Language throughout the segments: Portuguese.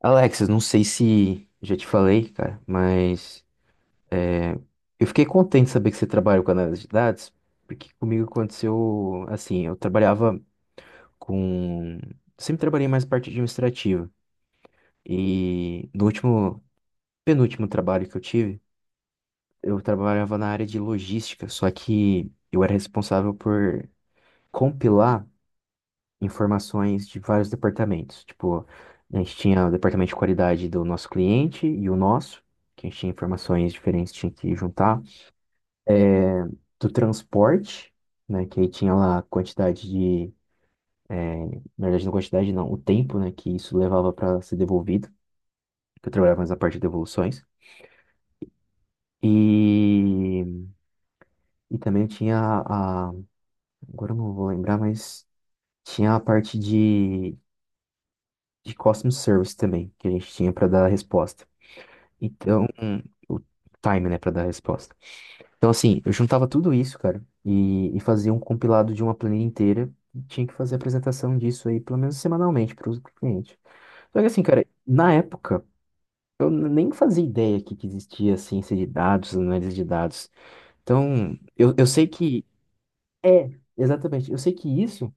Alexis, não sei se já te falei, cara, mas eu fiquei contente de saber que você trabalha com análise de dados, porque comigo aconteceu assim. Eu trabalhava com, sempre trabalhei mais na parte administrativa e no último, penúltimo trabalho que eu tive, eu trabalhava na área de logística, só que eu era responsável por compilar informações de vários departamentos. Tipo, a gente tinha o departamento de qualidade do nosso cliente e o nosso, que a gente tinha informações diferentes, tinha que juntar. É, do transporte, né, que aí tinha lá a quantidade de, na verdade não quantidade não, o tempo, né, que isso levava para ser devolvido, que eu trabalhava mais na parte de devoluções. E, e também tinha a, agora eu não vou lembrar, mas tinha a parte de customer service também, que a gente tinha para dar a resposta. Então, o time, né, pra dar a resposta. Então, assim, eu juntava tudo isso, cara, e fazia um compilado de uma planilha inteira. E tinha que fazer a apresentação disso aí, pelo menos semanalmente, para o cliente. Só que, assim, cara, na época, eu nem fazia ideia que existia ciência de dados, análise de dados. Então, eu sei que. É, exatamente. Eu sei que isso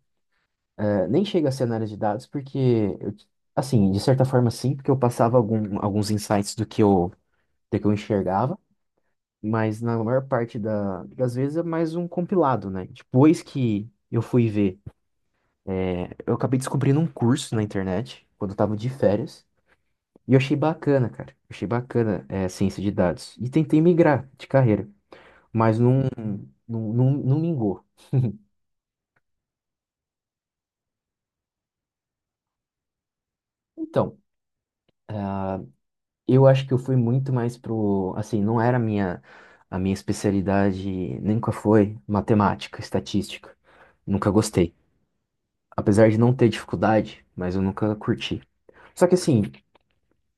nem chega a ser análise de dados, porque, eu, assim, de certa forma, sim, porque eu passava algum, alguns insights do que eu enxergava. Mas na maior parte das vezes é mais um compilado, né? Depois que eu fui ver, é, eu acabei descobrindo um curso na internet, quando eu tava de férias, e eu achei bacana, cara. Eu achei bacana, é, ciência de dados. E tentei migrar de carreira, mas não, não mingou. Então, eu acho que eu fui muito mais pro, assim, não era a minha especialidade, nunca foi matemática, estatística. Nunca gostei. Apesar de não ter dificuldade, mas eu nunca curti. Só que assim,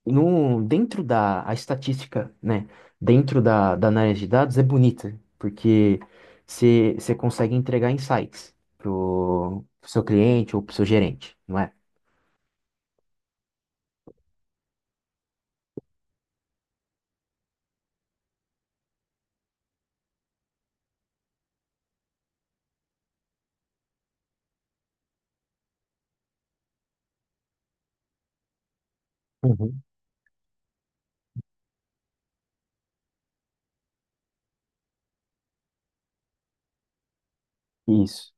no, dentro da a estatística, né? Dentro da, da análise de dados é bonita, porque você consegue entregar insights pro, pro seu cliente ou pro seu gerente, não é? Uhum. Isso.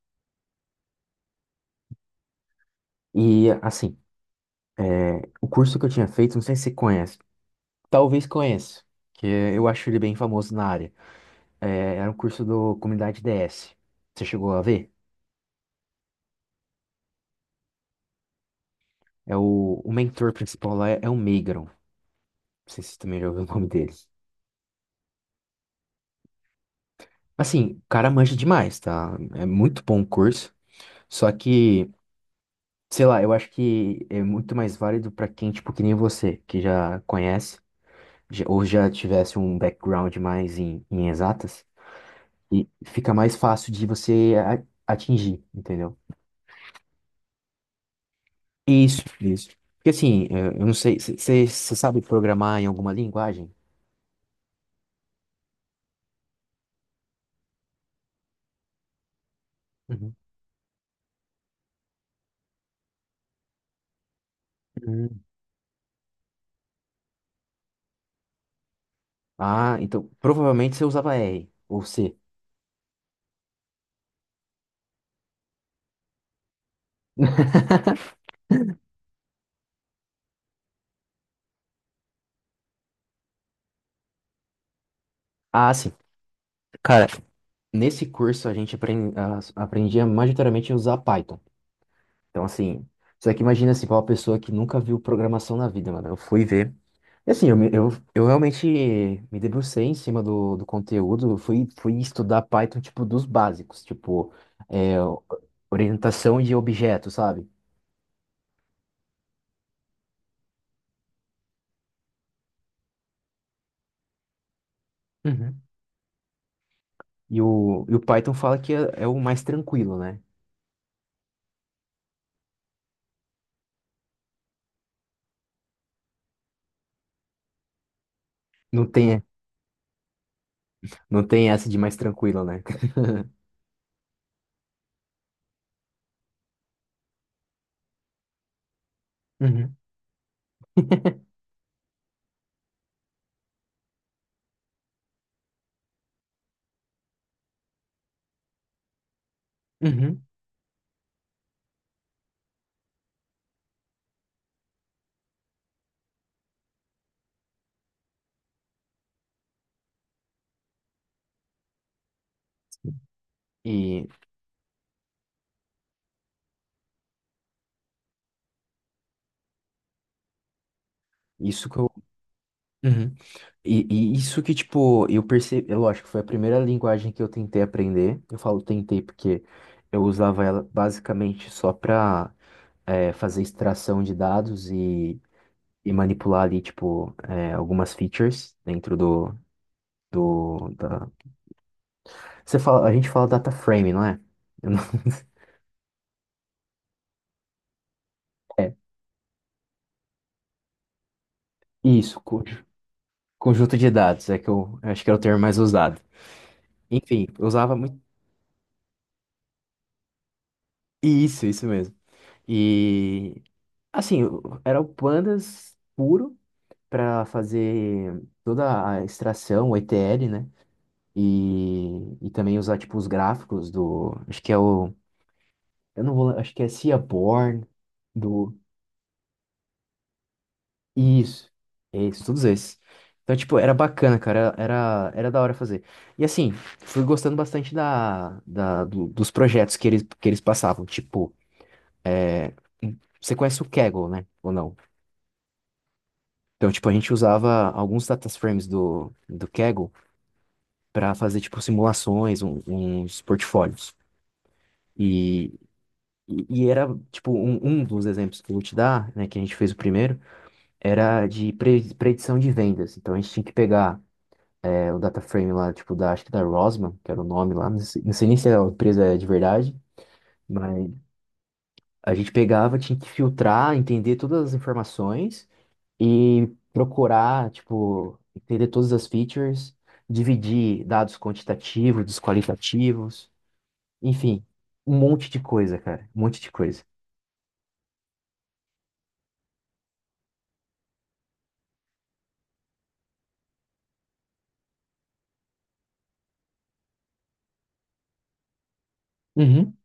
E assim, o curso que eu tinha feito, não sei se você conhece, talvez conheça, que eu acho ele bem famoso na área. É, era um curso do Comunidade DS. Você chegou a ver? É o mentor principal lá é, é o Meigron. Não sei se você também já ouviu o nome dele. Assim, o cara manja demais, tá? É muito bom o curso. Só que, sei lá, eu acho que é muito mais válido pra quem, tipo, que nem você, que já conhece, ou já tivesse um background mais em, em exatas, e fica mais fácil de você atingir, entendeu? Isso, isso. Porque assim, eu não sei, você sabe programar em alguma linguagem? Uhum. Hum. Ah, então provavelmente você usava R ou C. Ah, sim. Nesse curso a gente aprendia majoritariamente a usar Python. Então, assim, só que imagina assim, pra uma pessoa que nunca viu programação na vida, mano. Eu fui ver. E assim, eu, eu realmente me debrucei em cima do, do conteúdo. Eu fui, fui estudar Python, tipo, dos básicos, tipo, é, orientação de objetos, sabe? Uhum. E o Python fala que é, é o mais tranquilo, né? Não tem, não tem essa de mais tranquilo, né? Uhum. Uhum. E isso que eu. Uhum. E isso que, tipo, eu percebi, é lógico, foi a primeira linguagem que eu tentei aprender. Eu falo tentei porque eu usava ela basicamente só pra fazer extração de dados e manipular ali, tipo, algumas features dentro do, do, da... Você fala, a gente fala data frame, não é? Eu não- É, isso, conjunto de dados, é que eu acho que era o termo mais usado. Enfim, eu usava muito. Isso mesmo. E assim, era o pandas puro para fazer toda a extração, o ETL, né? E também usar tipo os gráficos do, acho que é o, eu não vou, acho que é Seaborn do isso, isso, todos esses. Então, tipo, era bacana, cara, era, era da hora fazer. E assim, fui gostando bastante da, da, dos projetos que eles passavam. Tipo, você conhece o Kaggle, né? Ou não? Então, tipo, a gente usava alguns data frames do, do Kaggle para fazer, tipo, simulações, uns portfólios. E, e era, tipo, um dos exemplos que eu vou te dar, né, que a gente fez o primeiro, era de predição de vendas. Então, a gente tinha que pegar é, o data frame lá, tipo, da, acho que da Rosman, que era o nome lá, não sei, não sei nem se a empresa é de verdade, mas a gente pegava, tinha que filtrar, entender todas as informações e procurar, tipo, entender todas as features, dividir dados quantitativos dos qualitativos, enfim, um monte de coisa, cara. Um monte de coisa. Uhum.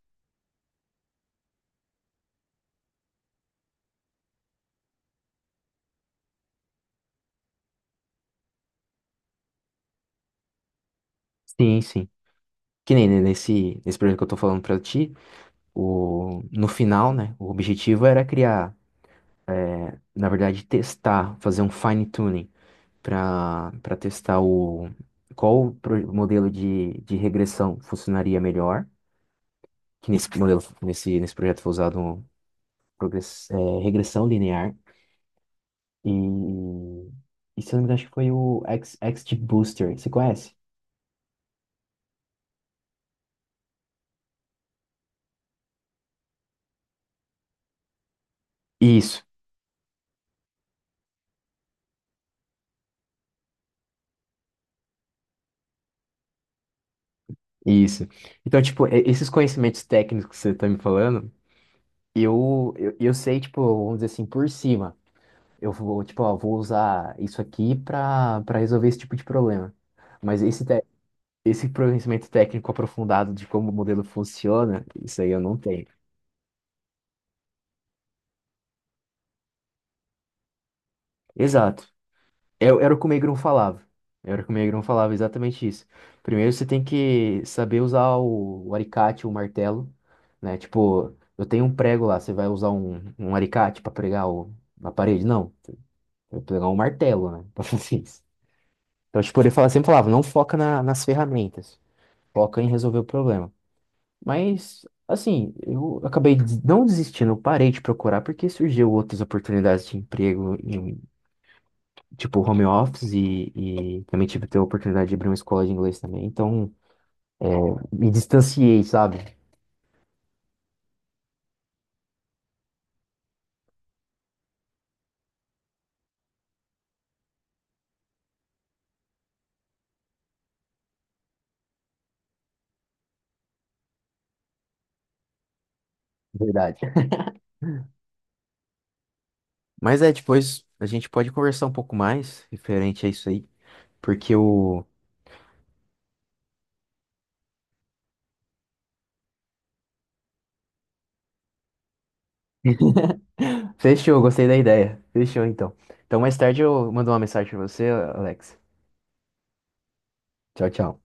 Sim, sim. Que nem nesse, nesse projeto que eu tô falando pra ti, o, no final, né? O objetivo era criar, na verdade, testar, fazer um fine tuning pra para testar o qual o modelo de regressão funcionaria melhor, que nesse modelo, nesse, nesse projeto foi usado um progress, é, regressão linear e, e se eu não me engano, acho que foi o X, XGBooster, você conhece? Isso. Isso. Então, tipo, esses conhecimentos técnicos que você tá me falando, eu sei, tipo, vamos dizer assim, por cima. Eu vou, tipo, ó, vou usar isso aqui pra, para resolver esse tipo de problema. Mas esse, esse conhecimento técnico aprofundado de como o modelo funciona, isso aí eu não tenho. Exato. Era era o que o Megrão falava. Era o que o Megrão falava, exatamente isso. Primeiro você tem que saber usar o alicate, o martelo, né? Tipo, eu tenho um prego lá, você vai usar um, um alicate pra pregar o, na parede? Não, eu vou pegar um martelo, né? Pra fazer isso. Então, tipo, ele fala, sempre falava, não foca nas ferramentas, foca em resolver o problema. Mas, assim, eu acabei des- não desistindo, eu parei de procurar porque surgiu outras oportunidades de emprego tipo, home office e também tive ter a oportunidade de abrir uma escola de inglês também. Então, me distanciei, sabe? Verdade. Mas é, depois a gente pode conversar um pouco mais referente a isso aí, porque o. Fechou, gostei da ideia. Fechou, então. Então, mais tarde eu mando uma mensagem pra você, Alex. Tchau, tchau.